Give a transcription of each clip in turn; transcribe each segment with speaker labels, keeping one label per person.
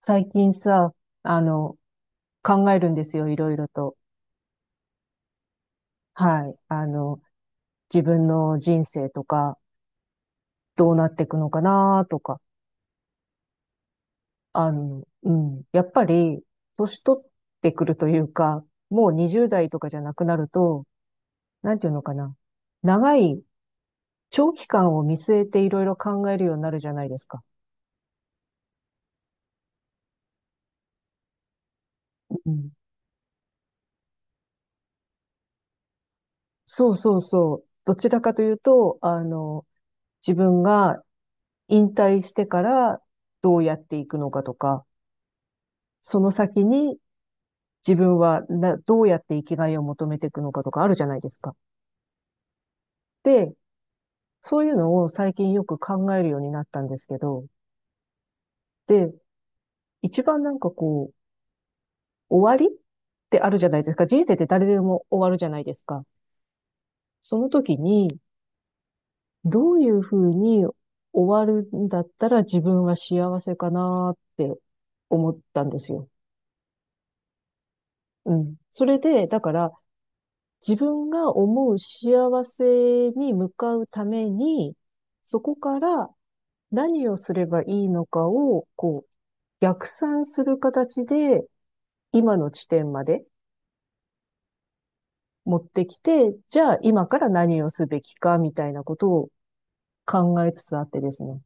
Speaker 1: 最近さ、あの、考えるんですよ、いろいろと。はい。自分の人生とか、どうなっていくのかなとか。うん。やっぱり、年取ってくるというか、もう20代とかじゃなくなると、なんていうのかな。長い、長期間を見据えていろいろ考えるようになるじゃないですか。うん。そうそうそう。どちらかというと、自分が引退してからどうやっていくのかとか、その先に自分はなどうやって生きがいを求めていくのかとかあるじゃないですか。で、そういうのを最近よく考えるようになったんですけど、で、一番なんかこう、終わりってあるじゃないですか。人生って誰でも終わるじゃないですか。その時に、どういうふうに終わるんだったら自分は幸せかなって思ったんですよ。うん。それで、だから、自分が思う幸せに向かうために、そこから何をすればいいのかを、こう、逆算する形で、今の地点まで持ってきて、じゃあ今から何をすべきか、みたいなことを考えつつあってですね。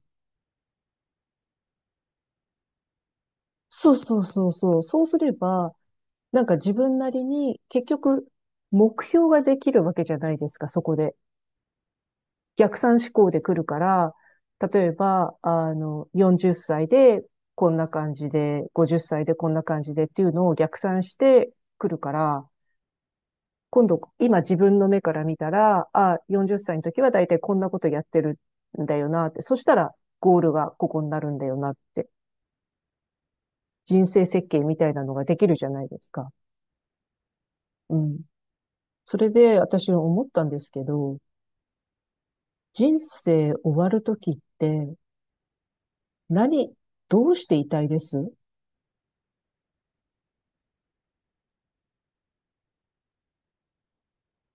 Speaker 1: そうそうそうそう。そうすれば、なんか自分なりに結局目標ができるわけじゃないですか、そこで。逆算思考で来るから、例えば、40歳でこんな感じで、50歳でこんな感じでっていうのを逆算してくるから、今度、今自分の目から見たら、あ、40歳の時は大体こんなことやってるんだよなって、そしたらゴールがここになるんだよなって、人生設計みたいなのができるじゃないですか。うん。それで私思ったんですけど、人生終わる時って何、どうしていたいです？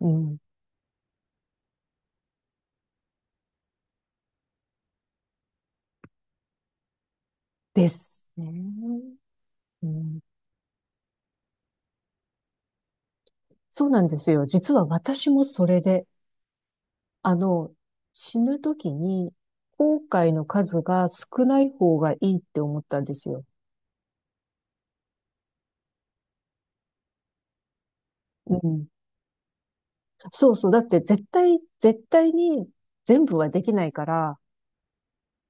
Speaker 1: うん。ですね。うん。そうなんですよ。実は私もそれで、あの、死ぬ時に後悔の数が少ない方がいいって思ったんですよ。うん。そうそう。だって絶対、絶対に全部はできないから、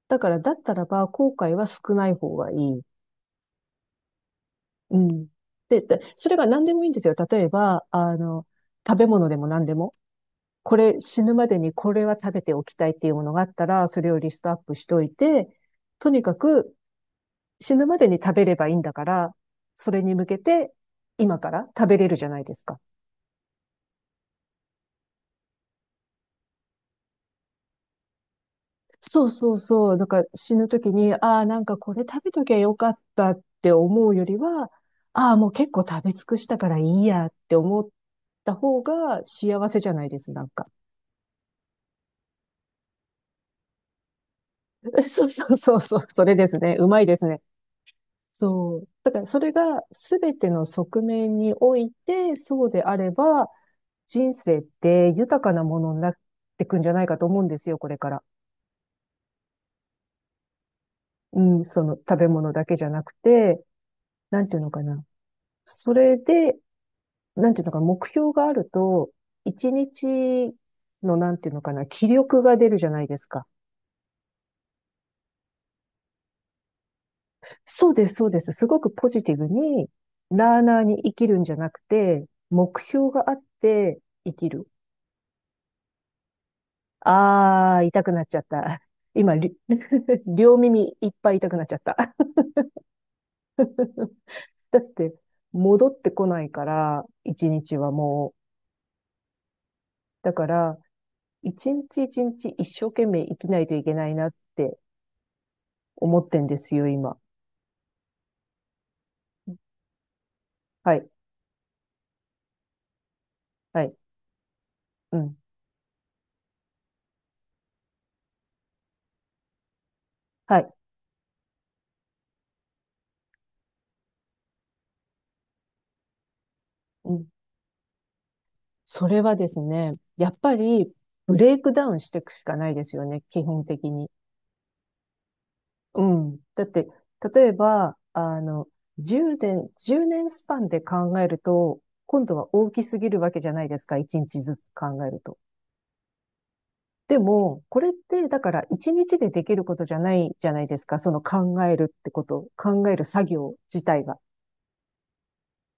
Speaker 1: だからだったらば後悔は少ない方がいい。うん。でそれが何でもいいんですよ。例えば、食べ物でも何でも。これ死ぬまでにこれは食べておきたいっていうものがあったら、それをリストアップしといて、とにかく死ぬまでに食べればいいんだから、それに向けて今から食べれるじゃないですか。そうそうそう。なんか死ぬ時に、ああ、なんかこれ食べときゃよかったって思うよりは、ああ、もう結構食べ尽くしたからいいやって思った方が幸せじゃないです、なんか。そうそうそうそう。それですね。うまいですね。そう。だからそれが全ての側面において、そうであれば、人生って豊かなものになってくんじゃないかと思うんですよ、これから。うん、その食べ物だけじゃなくて、なんていうのかな。それで、なんていうのかな、目標があると、一日のなんていうのかな、気力が出るじゃないですか。そうです、そうです。すごくポジティブに、なあなあに生きるんじゃなくて、目標があって生きる。ああ、痛くなっちゃった。今、両耳いっぱい痛くなっちゃった。だって、戻ってこないから、一日はもう。だから、一日一日一生懸命生きないといけないなって思ってんですよ、今。はい、はい、うん、はい、うん。それはですね、やっぱり、ブレイクダウンしていくしかないですよね、基本的に。うん。だって、例えば、10年、1年スパンで考えると、今度は大きすぎるわけじゃないですか、1日ずつ考えると。でも、これって、だから1日でできることじゃないじゃないですか、その考えるってこと、考える作業自体が。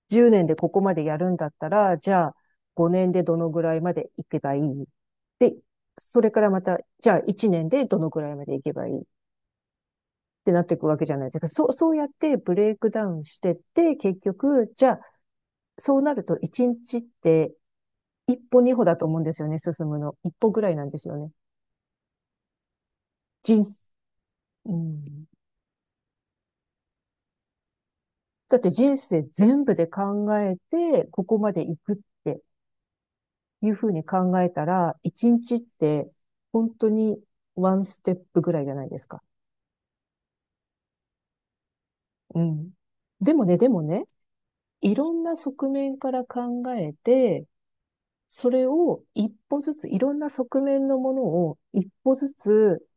Speaker 1: 10年でここまでやるんだったら、じゃあ5年でどのぐらいまでいけばいいで、それからまた、じゃあ1年でどのぐらいまでいけばいいってなっていくわけじゃないですか。そう、そうやってブレイクダウンしてって、結局、じゃあ、そうなると1日って一歩二歩だと思うんですよね、進むの。一歩ぐらいなんですよね。人生、うん。だって人生全部で考えて、ここまで行くっていうふうに考えたら、一日って本当にワンステップぐらいじゃないですか。うん。でもね、いろんな側面から考えて、それを一歩ずつ、いろんな側面のものを一歩ずつ、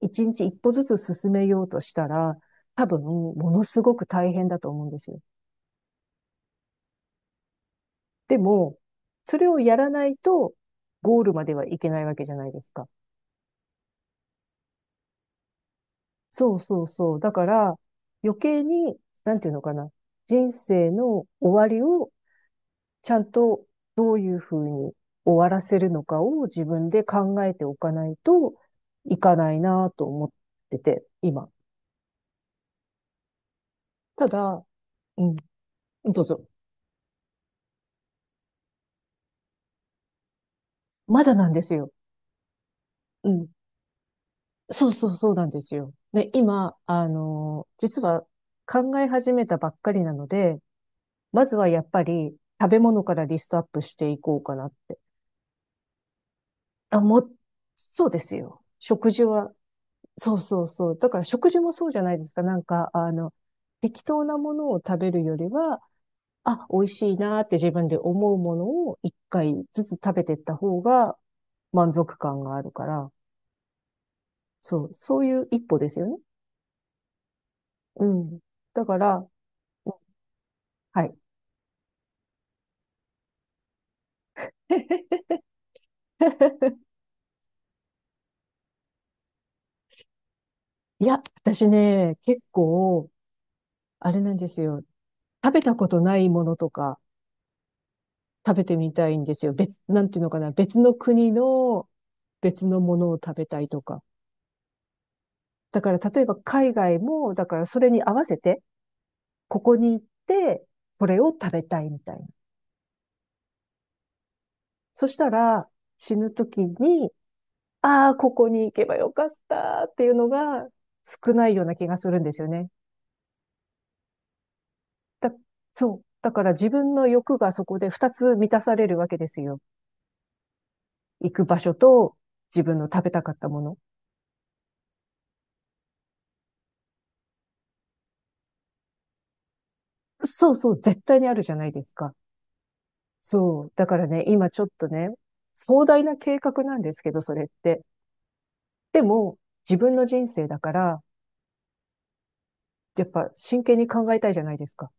Speaker 1: 一日一歩ずつ進めようとしたら、多分、ものすごく大変だと思うんですよ。でも、それをやらないと、ゴールまではいけないわけじゃないですか。そうそうそう。だから、余計に、なんていうのかな。人生の終わりをちゃんとどういうふうに終わらせるのかを自分で考えておかないといかないなと思ってて、今。ただ、うん、どうぞ。まだなんですよ。うん。そうそうそうなんですよ。で、今、実は考え始めたばっかりなので、まずはやっぱり食べ物からリストアップしていこうかなって。あ、もう、そうですよ。食事はそうそうそう。だから食事もそうじゃないですか。なんか、適当なものを食べるよりは、あ、美味しいなって自分で思うものを一回ずつ食べていった方が満足感があるから、そう、そういう一歩ですよね。うん。だから、うん。はい。いや、私ね、結構、あれなんですよ。食べたことないものとか食べてみたいんですよ。なんていうのかな。別の国の別のものを食べたいとか。だから例えば海外も、だからそれに合わせて、ここに行って、これを食べたいみたいな。そしたら、死ぬ時に、ああ、ここに行けばよかったっていうのが少ないような気がするんですよね。だ、そう。だから自分の欲がそこで二つ満たされるわけですよ。行く場所と自分の食べたかったもの。そうそう、絶対にあるじゃないですか。そう。だからね、今ちょっとね、壮大な計画なんですけど、それって。でも、自分の人生だから、やっぱ真剣に考えたいじゃないですか。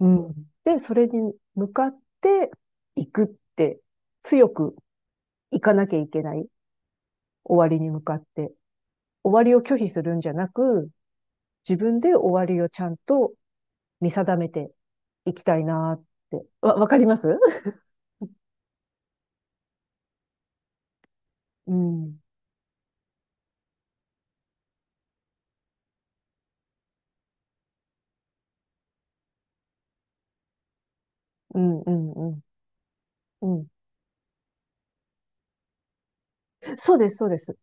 Speaker 1: うん。で、それに向かっていくって、強くいかなきゃいけない。終わりに向かって。終わりを拒否するんじゃなく、自分で終わりをちゃんと見定めていきたいなって。わかります？うん。うん、うん、うん。うん。そうです、そうです。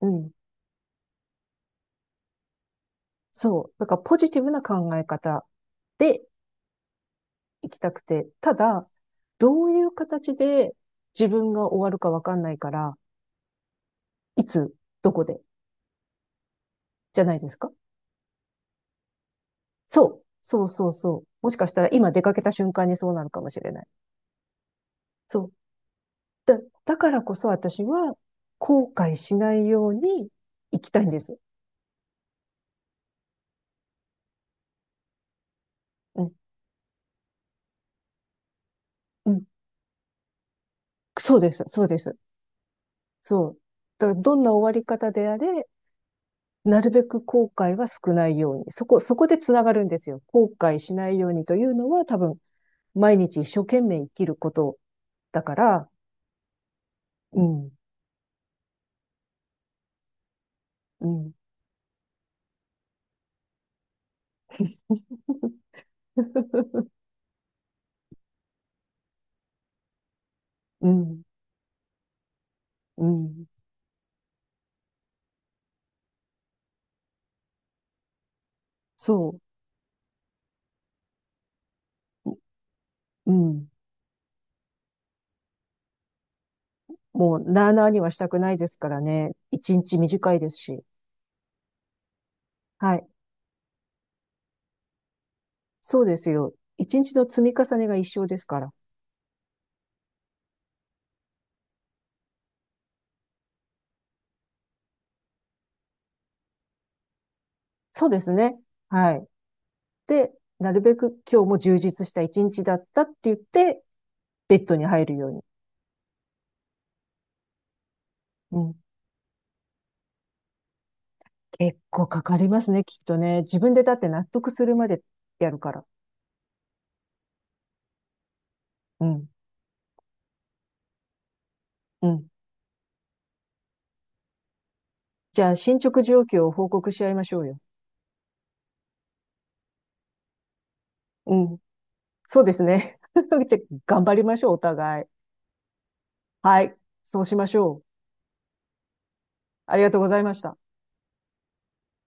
Speaker 1: うん。そう。だからポジティブな考え方で行きたくて、ただ、どういう形で自分が終わるかわかんないから、いつ、どこで、じゃないですか？そう。そうそうそう。もしかしたら今出かけた瞬間にそうなるかもしれない。そう。だ、だからこそ私は後悔しないように行きたいんです。うん。うん。そうです。そうです。そう。だからどんな終わり方であれ、なるべく後悔は少ないように。そこでつながるんですよ。後悔しないようにというのは多分毎日一生懸命生きることだから、うん、うん、うん、うん、そう、うん。もう、なあなあにはしたくないですからね。一日短いですし。はい。そうですよ。一日の積み重ねが一生ですから。そうですね。はい。で、なるべく今日も充実した一日だったって言って、ベッドに入るように。うん。結構かかりますね、きっとね。自分でだって納得するまでやるから。うん。うん。じゃあ、進捗状況を報告し合いましょうよ。うん。そうですね。じゃあ、頑張りましょう、お互い。はい。そうしましょう。ありがとうございました。